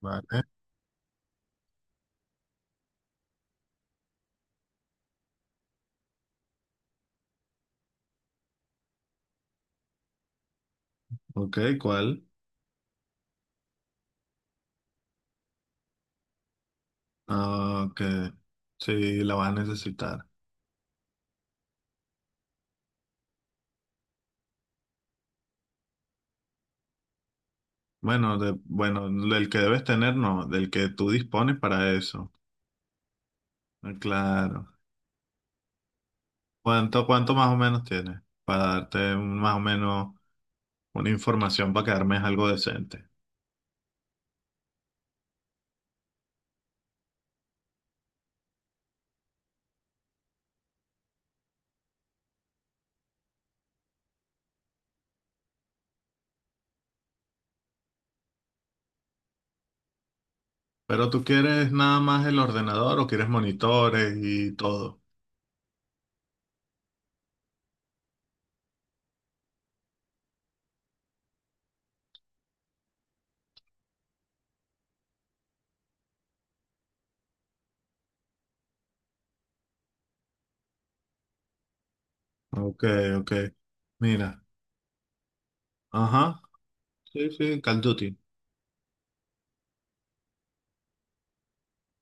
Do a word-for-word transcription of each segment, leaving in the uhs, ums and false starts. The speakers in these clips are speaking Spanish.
Vale. Ok, ¿cuál? Ah, que sí, la vas a necesitar. Bueno, de, bueno, del que debes tener, no, del que tú dispones para eso. Ah, claro. ¿Cuánto, cuánto más o menos tienes? Para darte un- más o menos una información para que armes algo decente. Pero tú quieres nada más el ordenador o quieres monitores y todo. Ok, ok. Mira. Ajá. Sí, sí, Call of Duty.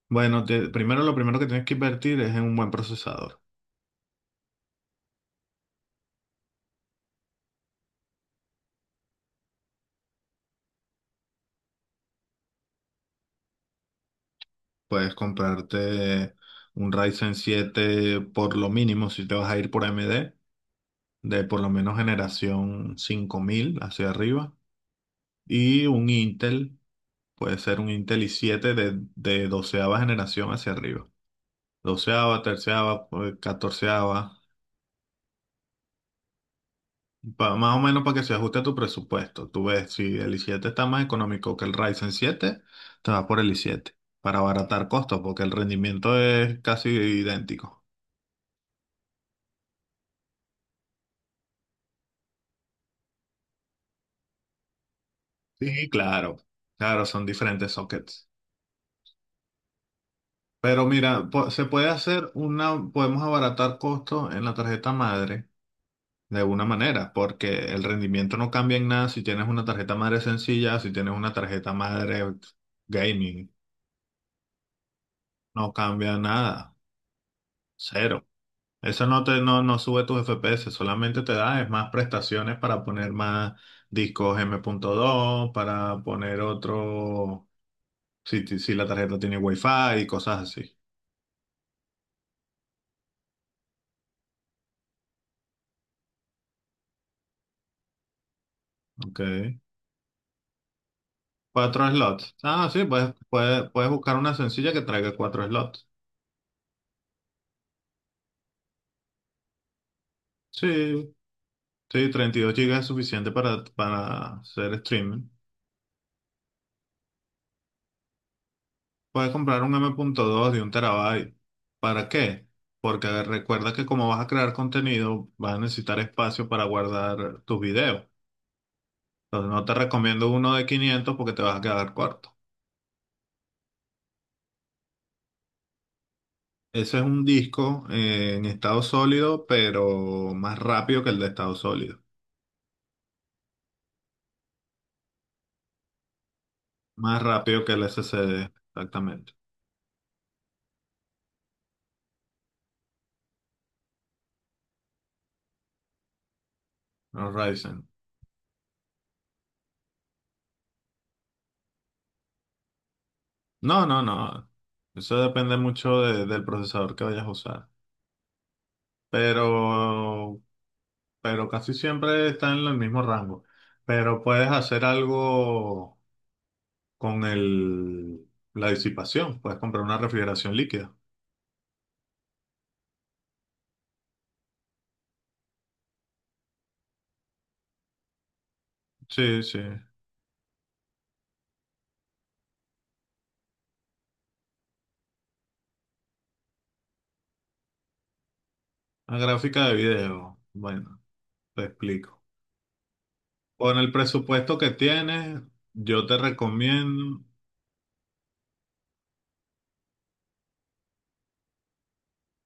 Bueno, te- primero lo primero que tienes que invertir es en un buen procesador. Puedes comprarte un Ryzen siete por lo mínimo si te vas a ir por A M D de por lo menos generación cinco mil hacia arriba. Y un Intel, puede ser un Intel i siete de, de doceava generación hacia arriba. Doceava, terceava, pues, catorceava. Pa- más o menos para que se ajuste a tu presupuesto. Tú ves, si el i siete está más económico que el Ryzen siete, te vas por el i siete para abaratar costos porque el rendimiento es casi idéntico. Sí, claro, claro, son diferentes sockets. Pero mira, po- se puede hacer una, podemos abaratar costos en la tarjeta madre de alguna manera, porque el rendimiento no cambia en nada si tienes una tarjeta madre sencilla, si tienes una tarjeta madre gaming, no cambia nada, cero. Eso no te, no, no sube tus F P S, solamente te da es más prestaciones para poner más discos m punto dos, para poner otro, si, ti- si la tarjeta tiene Wi-Fi y cosas así. Ok. Cuatro slots. Ah, sí, puedes, puedes, puedes buscar una sencilla que traiga cuatro slots. Sí, sí, treinta y dos gigas es suficiente para, para hacer streaming. Puedes comprar un M.dos de un terabyte. ¿Para qué? Porque recuerda que como vas a crear contenido, vas a necesitar espacio para guardar tus videos. Entonces no te recomiendo uno de quinientos porque te vas a quedar corto. Ese es un disco eh, en estado sólido, pero más rápido que el de estado sólido. Más rápido que el S S D, exactamente. No, Ryzen. No, no, no. Eso depende mucho de- del procesador que vayas a usar. Pero, pero casi siempre está en el mismo rango. Pero puedes hacer algo con el, la disipación. Puedes comprar una refrigeración líquida. Sí, sí. Una gráfica de video. Bueno, te explico. Con el presupuesto que tienes, yo te recomiendo.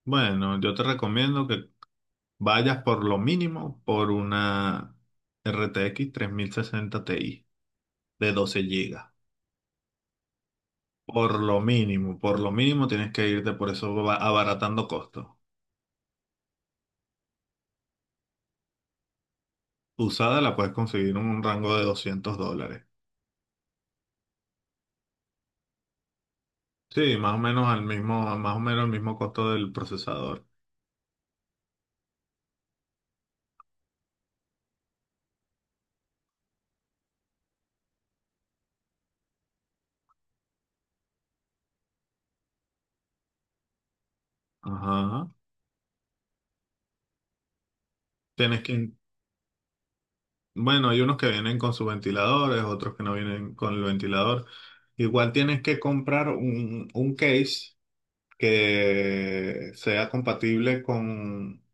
Bueno, yo te recomiendo que vayas por lo mínimo por una R T X sesenta Ti de doce gigas. Por lo mínimo, por lo mínimo tienes que irte por eso, va- abaratando costos. Usada la puedes conseguir en un rango de doscientos dólares. Sí, más o menos al mismo, más o menos el mismo costo del procesador. Ajá. Tienes que, bueno, hay unos que vienen con sus ventiladores, otros que no vienen con el ventilador. Igual tienes que comprar un, un case que sea compatible con...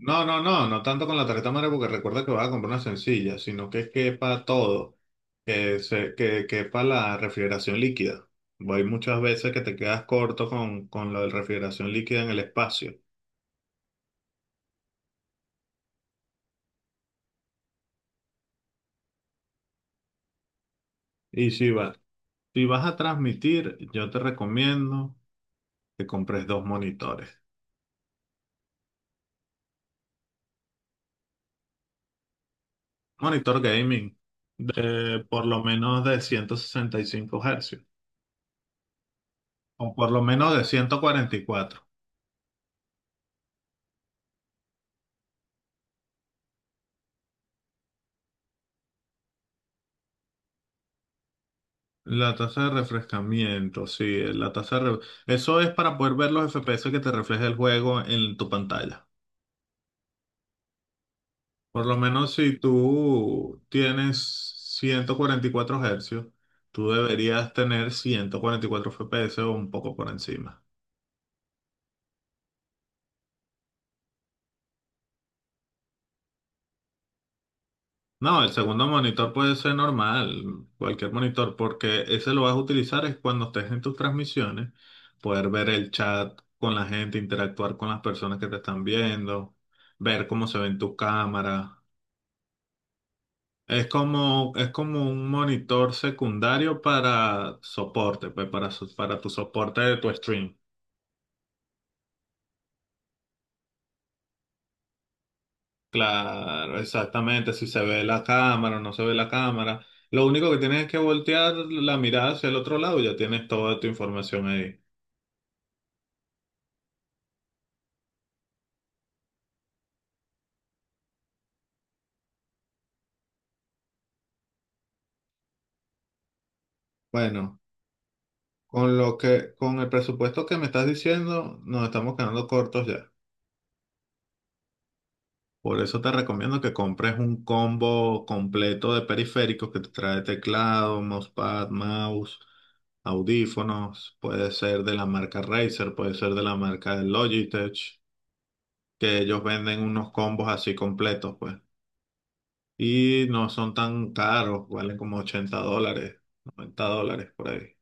No, no, no, no tanto con la tarjeta madre porque recuerda que vas a comprar una sencilla, sino que quepa todo, que, se, que quepa la refrigeración líquida. Hay muchas veces que te quedas corto con, con lo de refrigeración líquida en el espacio. Y si va, si vas a transmitir, yo te recomiendo que compres dos monitores. Monitor gaming, de por lo menos de ciento sesenta y cinco Hz, o por lo menos de ciento cuarenta y cuatro. La tasa de refrescamiento, sí, la tasa de re- eso es para poder ver los F P S que te refleja el juego en tu pantalla. Por lo menos si tú tienes ciento cuarenta y cuatro Hz, tú deberías tener ciento cuarenta y cuatro F P S o un poco por encima. No, el segundo monitor puede ser normal, cualquier monitor, porque ese lo vas a utilizar es cuando estés en tus transmisiones, poder ver el chat con la gente, interactuar con las personas que te están viendo, ver cómo se ven tus cámaras. Es como, es como un monitor secundario para soporte, pues para, so- para tu soporte de tu stream. Claro, exactamente, si se ve la cámara o no se ve la cámara. Lo único que tienes es que voltear la mirada hacia el otro lado y ya tienes toda tu información ahí. Bueno, con lo que, con el presupuesto que me estás diciendo, nos estamos quedando cortos ya. Por eso te recomiendo que compres un combo completo de periféricos que te trae teclado, mousepad, mouse, audífonos. Puede ser de la marca Razer, puede ser de la marca Logitech, que ellos venden unos combos así completos, pues. Y no son tan caros, valen como ochenta dólares, noventa dólares por ahí.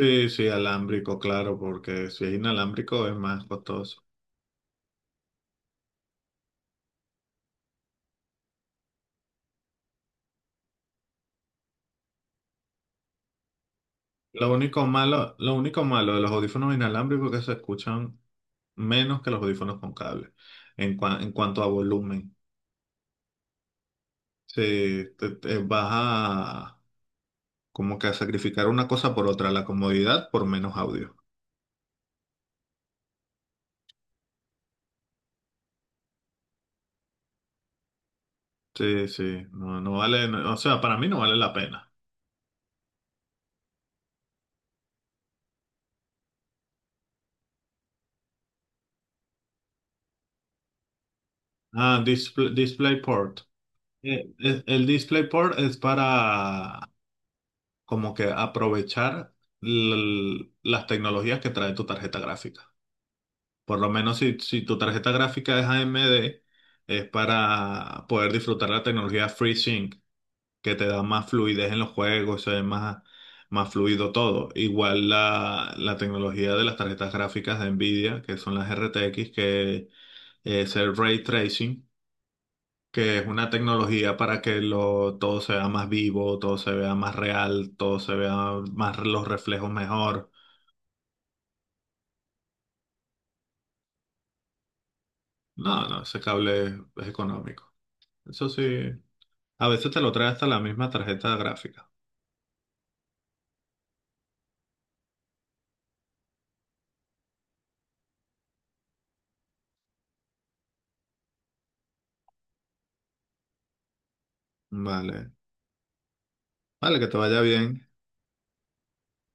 Sí, sí, alámbrico, claro, porque si es inalámbrico es más costoso. Lo único malo, lo único malo de los audífonos inalámbricos es que se escuchan menos que los audífonos con cable en, cua- en cuanto a volumen. Sí, te, te vas a como que a sacrificar una cosa por otra, la comodidad por menos audio. Sí, sí, no, no vale, no- o sea, para mí no vale la pena. Ah, display, DisplayPort. Eh, eh, El DisplayPort es para como que aprovechar l- las tecnologías que trae tu tarjeta gráfica. Por lo menos si, si tu tarjeta gráfica es A M D, es para poder disfrutar la tecnología FreeSync, que te da más fluidez en los juegos, se ve más, más fluido todo. Igual la, la tecnología de las tarjetas gráficas de Nvidia, que son las R T X, que es el ray tracing, que es una tecnología para que lo, todo se vea más vivo, todo se vea más real, todo se vea más los reflejos mejor. No, no, ese cable es económico. Eso sí, a veces te lo trae hasta la misma tarjeta gráfica. Vale, vale, que te vaya bien.